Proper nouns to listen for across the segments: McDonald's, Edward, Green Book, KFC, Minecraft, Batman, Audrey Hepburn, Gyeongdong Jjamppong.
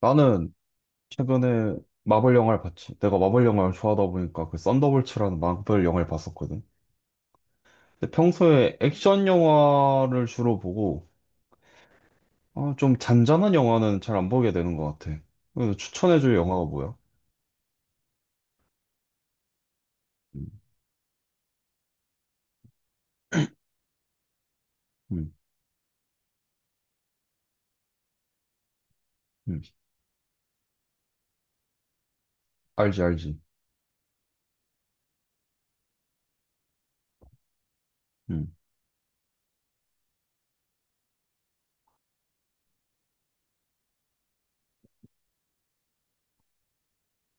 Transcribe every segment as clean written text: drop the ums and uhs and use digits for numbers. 나는 최근에 마블 영화를 봤지. 내가 마블 영화를 좋아하다 보니까 그 썬더볼츠라는 마블 영화를 봤었거든. 근데 평소에 액션 영화를 주로 보고 아, 좀 잔잔한 영화는 잘 안 보게 되는 것 같아. 그래서 추천해줄 영화가 뭐야? 음, 음, 음. 알지, 알지. 음,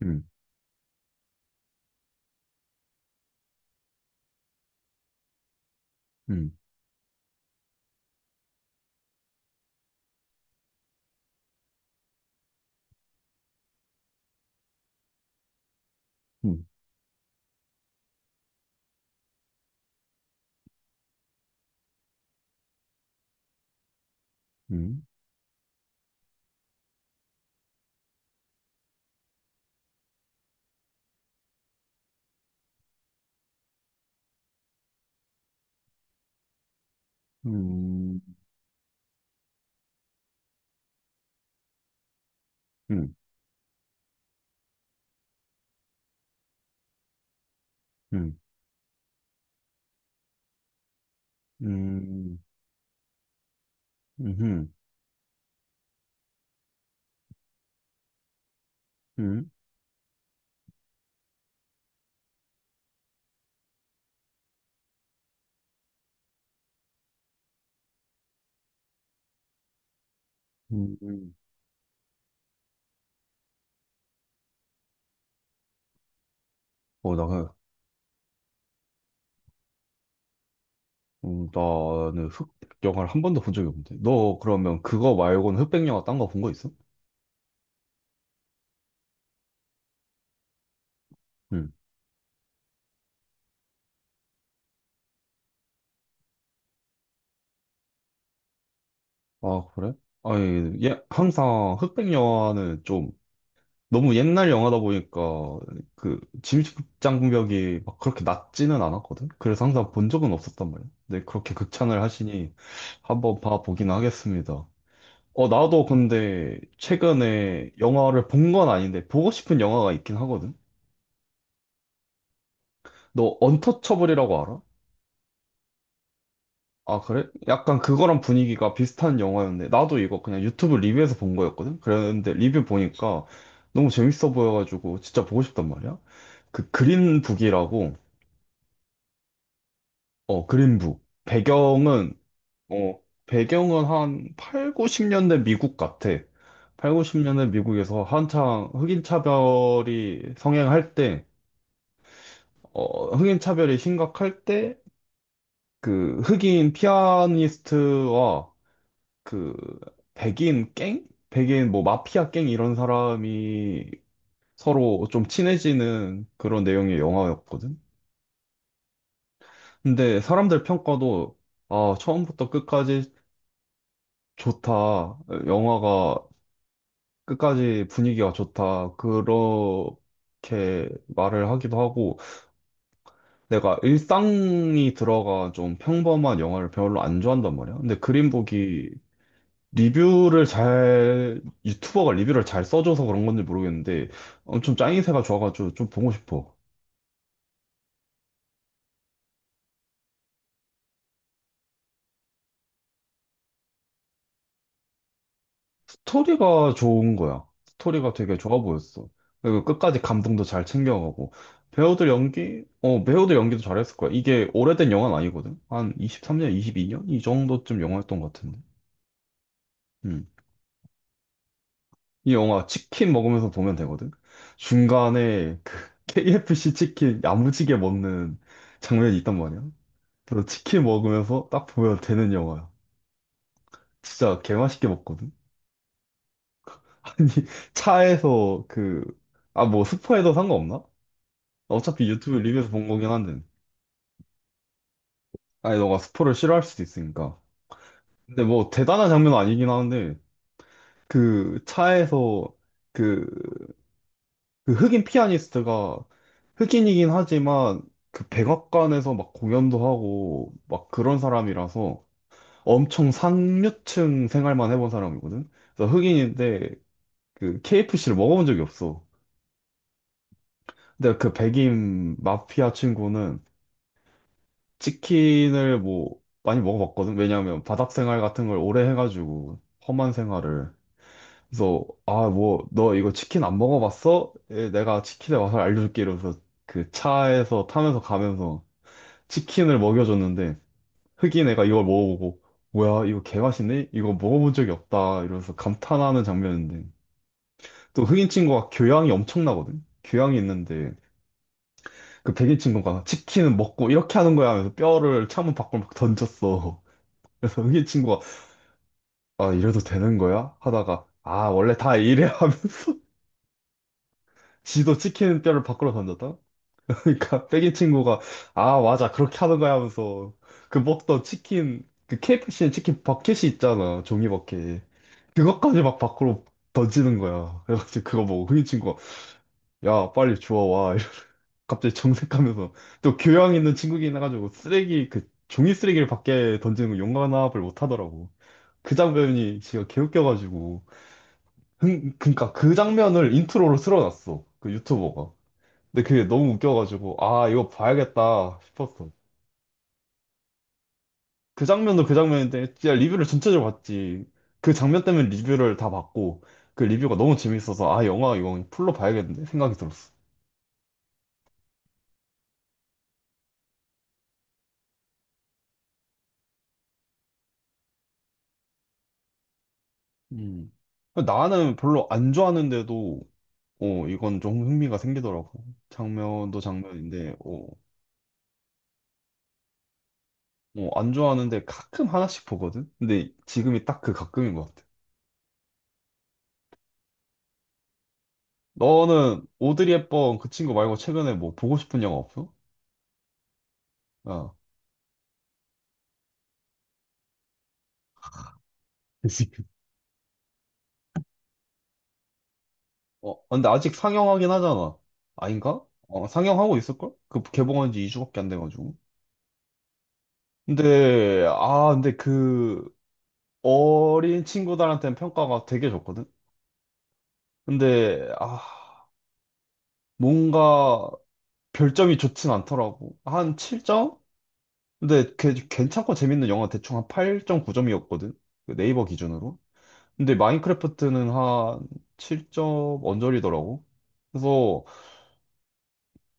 음, 음, 음, 음, 음, 음, 음, 음, 음, 음, 음, 음. 어, 나 나는 흑백영화를 한 번도 본 적이 없는데. 너 그러면 그거 말고는 흑백영화 딴 거 본 거 있어? 응. 아, 그래? 아니, 예, 항상 흑백영화는 좀 너무 옛날 영화다 보니까 그 진입장벽이 막 그렇게 낮지는 않았거든? 그래서 항상 본 적은 없었단 말이야. 근데 그렇게 극찬을 하시니 한번 봐보긴 하겠습니다. 어, 나도 근데 최근에 영화를 본 건 아닌데 보고 싶은 영화가 있긴 하거든? 너 언터처블이라고 알아? 아, 그래? 약간 그거랑 분위기가 비슷한 영화였네. 나도 이거 그냥 유튜브 리뷰에서 본 거였거든? 그랬는데 리뷰 보니까 너무 재밌어 보여가지고 진짜 보고 싶단 말이야? 그 그린북이라고, 어, 그린북. 어, 배경은 한 8, 90년대 미국 같아. 8, 90년대 미국에서 한창 흑인 차별이 성행할 때, 어, 흑인 차별이 심각할 때, 그 흑인 피아니스트와 그 백인 갱? 백인 뭐 마피아 갱 이런 사람이 서로 좀 친해지는 그런 내용의 영화였거든. 근데 사람들 평가도 아, 처음부터 끝까지 좋다. 영화가 끝까지 분위기가 좋다. 그렇게 말을 하기도 하고 내가 일상이 들어가 좀 평범한 영화를 별로 안 좋아한단 말이야. 근데 그린북이 리뷰를 잘, 유튜버가 리뷰를 잘 써줘서 그런 건지 모르겠는데, 엄청 짱이세가 좋아가지고 좀 보고 싶어. 스토리가 좋은 거야. 스토리가 되게 좋아 보였어. 그리고 끝까지 감동도 잘 챙겨가고. 배우들 연기? 어, 배우들 연기도 잘했을 거야. 이게 오래된 영화는 아니거든? 한 23년, 22년? 이 정도쯤 영화였던 것 같은데. 음. 이 영화 치킨 먹으면서 보면 되거든? 중간에 그 KFC 치킨 야무지게 먹는 장면이 있단 말이야. 그래서 치킨 먹으면서 딱 보면 되는 영화야. 진짜 개맛있게 먹거든? 아니, 차에서 그, 아, 뭐, 스포해도 상관없나? 어차피 유튜브 리뷰에서 본 거긴 한데. 아니, 너가 스포를 싫어할 수도 있으니까. 근데 뭐, 대단한 장면은 아니긴 하는데, 그, 차에서 그, 그 흑인 피아니스트가 흑인이긴 하지만, 그 백악관에서 막 공연도 하고, 막 그런 사람이라서 엄청 상류층 생활만 해본 사람이거든? 그래서 흑인인데 그 KFC를 먹어본 적이 없어. 근데 그 백인 마피아 친구는 치킨을 뭐 많이 먹어봤거든. 왜냐하면 바닥 생활 같은 걸 오래 해가지고 험한 생활을. 그래서 아 뭐 너 이거 치킨 안 먹어봤어? 예, 내가 치킨의 맛을 알려줄게 이러면서 그 차에서 타면서 가면서 치킨을 먹여줬는데 흑인 애가 이걸 먹어보고 뭐야 이거 개맛있네? 이거 먹어본 적이 없다 이러면서 감탄하는 장면인데 또 흑인 친구가 교양이 엄청나거든. 교양이 있는데 그 백인 친구가 치킨은 먹고 이렇게 하는 거야 하면서 뼈를 창문 밖으로 막 던졌어. 그래서 흑인 친구가 아 이래도 되는 거야? 하다가 아 원래 다 이래 하면서 지도 치킨 뼈를 밖으로 던졌다? 그러니까 백인 친구가 아 맞아 그렇게 하는 거야 하면서 그 먹던 치킨 그 KFC 치킨 버켓이 있잖아 종이 버켓 그것까지 막 밖으로 던지는 거야. 그래가지고 그거 보고 흑인 친구가 야 빨리 주워 와 갑자기 정색하면서 또 교양 있는 친구긴 해가지고 쓰레기 그 종이 쓰레기를 밖에 던지는 거 용납을 못 하더라고. 그 장면이 진짜 개웃겨가지고 그러니까 그 장면을 인트로로 틀어놨어 그 유튜버가. 근데 그게 너무 웃겨가지고 아 이거 봐야겠다 싶었어. 그 장면도 그 장면인데 진짜 리뷰를 전체적으로 봤지. 그 장면 때문에 리뷰를 다 봤고 그 리뷰가 너무 재밌어서 아 영화 이건 풀로 봐야겠는데 생각이 들었어. 음. 나는 별로 안 좋아하는데도 어, 이건 좀 흥미가 생기더라고. 장면도 장면인데, 안 좋아하는데 가끔 하나씩 보거든? 근데 지금이 딱 그 가끔인 것 같아. 너는 오드리 헵번 그 친구 말고 최근에 뭐 보고 싶은 영화 없어? 어. 어, 아, 근데 아직 상영하긴 하잖아. 아닌가? 어, 상영하고 있을걸? 그 개봉한 지 2주밖에 안 돼가지고. 근데 그 어린 친구들한테는 평가가 되게 좋거든? 근데, 뭔가 별점이 좋진 않더라고. 한 7점? 근데 괜찮고 재밌는 영화 대충 한 8.9점이었거든. 네이버 기준으로. 근데 마인크래프트는 한 7점 언저리더라고. 그래서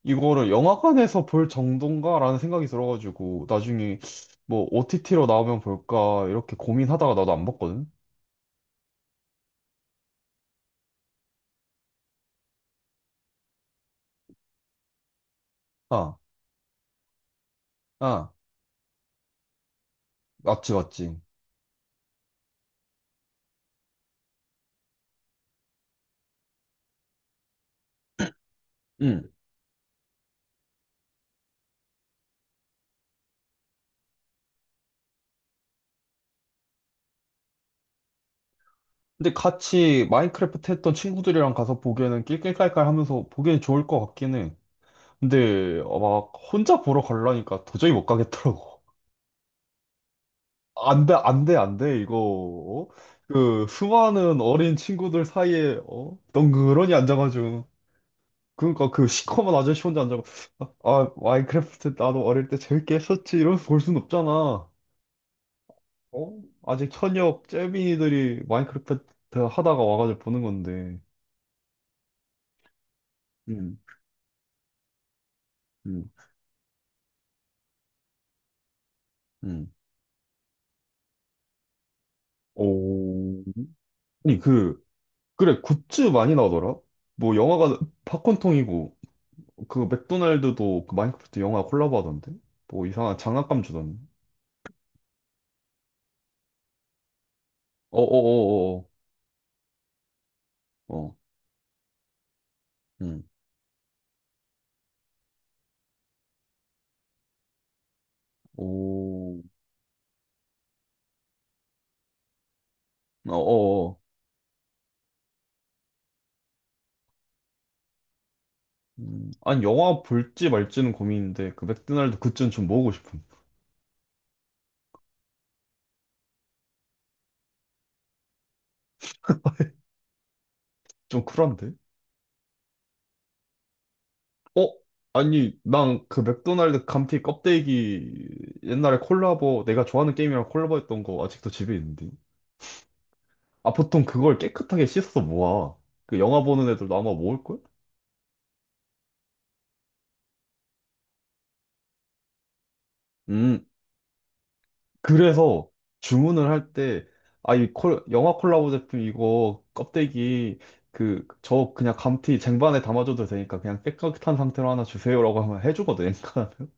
이거를 영화관에서 볼 정도인가라는 생각이 들어가지고 나중에 뭐 OTT로 나오면 볼까 이렇게 고민하다가 나도 안 봤거든. 아, 아, 맞지, 맞지. 응. 근데 같이 마인크래프트 했던 친구들이랑 가서 보기에는 낄낄깔깔 하면서 보기엔 좋을 것 같긴 해. 근데 어, 막 혼자 보러 가려니까 도저히 못 가겠더라고. 안 돼, 안 돼, 안 돼, 이거. 어? 그 수많은 어린 친구들 사이에 어? 덩그러니 앉아가지고 그러니까 그 시커먼 아저씨 혼자 앉아가 아 마인크래프트 나도 어릴 때 재밌게 했었지 이러면서 볼 순 없잖아. 어? 아직 현역 잼민이들이 마인크래프트 하다가 와가지고 보는 건데. 음, 음, 음. 오. 아니 그 그래 굿즈 많이 나오더라. 뭐 영화가 팝콘통이고. 그 맥도날드도 그 마인크래프트 영화 콜라보 하던데? 뭐 이상한 장난감 주던데? 어어어어어. 어. 음. 오. 어어어. 음. 아니 영화 볼지 말지는 고민인데 그 맥도날드 굿즈는 좀 먹고 싶음. 좀 쿨한데? 어? 아니 난 그 맥도날드 감튀 껍데기 옛날에 콜라보 내가 좋아하는 게임이랑 콜라보했던 거 아직도 집에 있는데. 아 보통 그걸 깨끗하게 씻어서 모아. 그 영화 보는 애들도 아마 모을걸? 음. 그래서 주문을 할 때, 아, 이 콜, 영화 콜라보 제품 이거 껍데기, 그, 저 그냥 감튀 쟁반에 담아줘도 되니까 그냥 깨끗한 상태로 하나 주세요라고 하면 해주거든, 그러니까.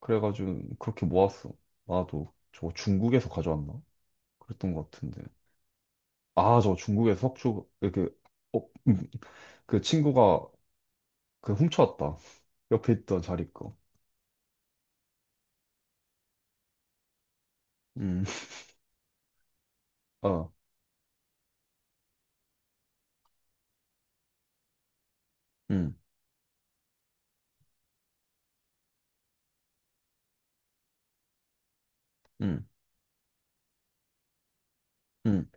그래가지고 그렇게 모았어. 나도 저 중국에서 가져왔나? 그랬던 것 같은데. 아, 저 중국에서 석주, 이렇게, 어, 음, 그 친구가 그 훔쳐왔다. 옆에 있던 자리 거. 음, 어, 음, 음, 음,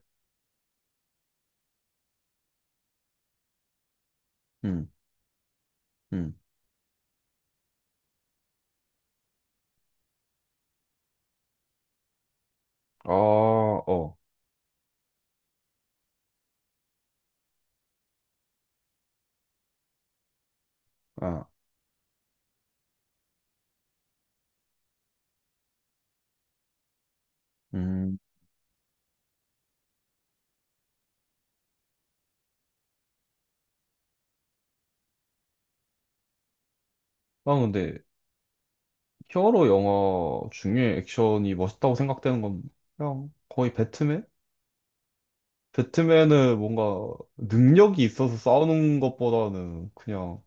음, 음. 아, 어, 아. 음. 난 근데 히어로 영화 중에 액션이 멋있다고 생각되는 건 그냥 거의 배트맨? 배트맨은 뭔가 능력이 있어서 싸우는 것보다는 그냥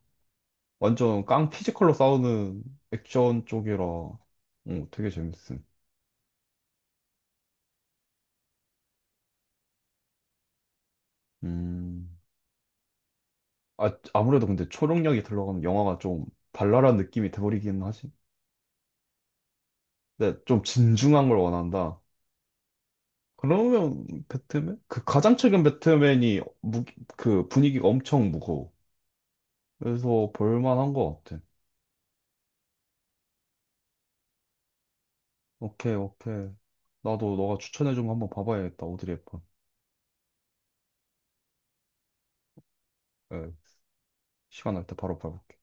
완전 깡 피지컬로 싸우는 액션 쪽이라 어, 되게 재밌음. 음. 아, 아무래도 근데 초능력이 들어가면 영화가 좀 발랄한 느낌이 돼버리긴 하지. 근데 좀 진중한 걸 원한다. 그러면 배트맨? 그 가장 최근 배트맨이 무, 그 분위기가 엄청 무거워. 그래서 볼만한 것 같아. 오케이, 오케이. 나도 너가 추천해준 거 한번 봐봐야겠다. 오드리 헵번. 예, 시간 날 때 바로 봐볼게.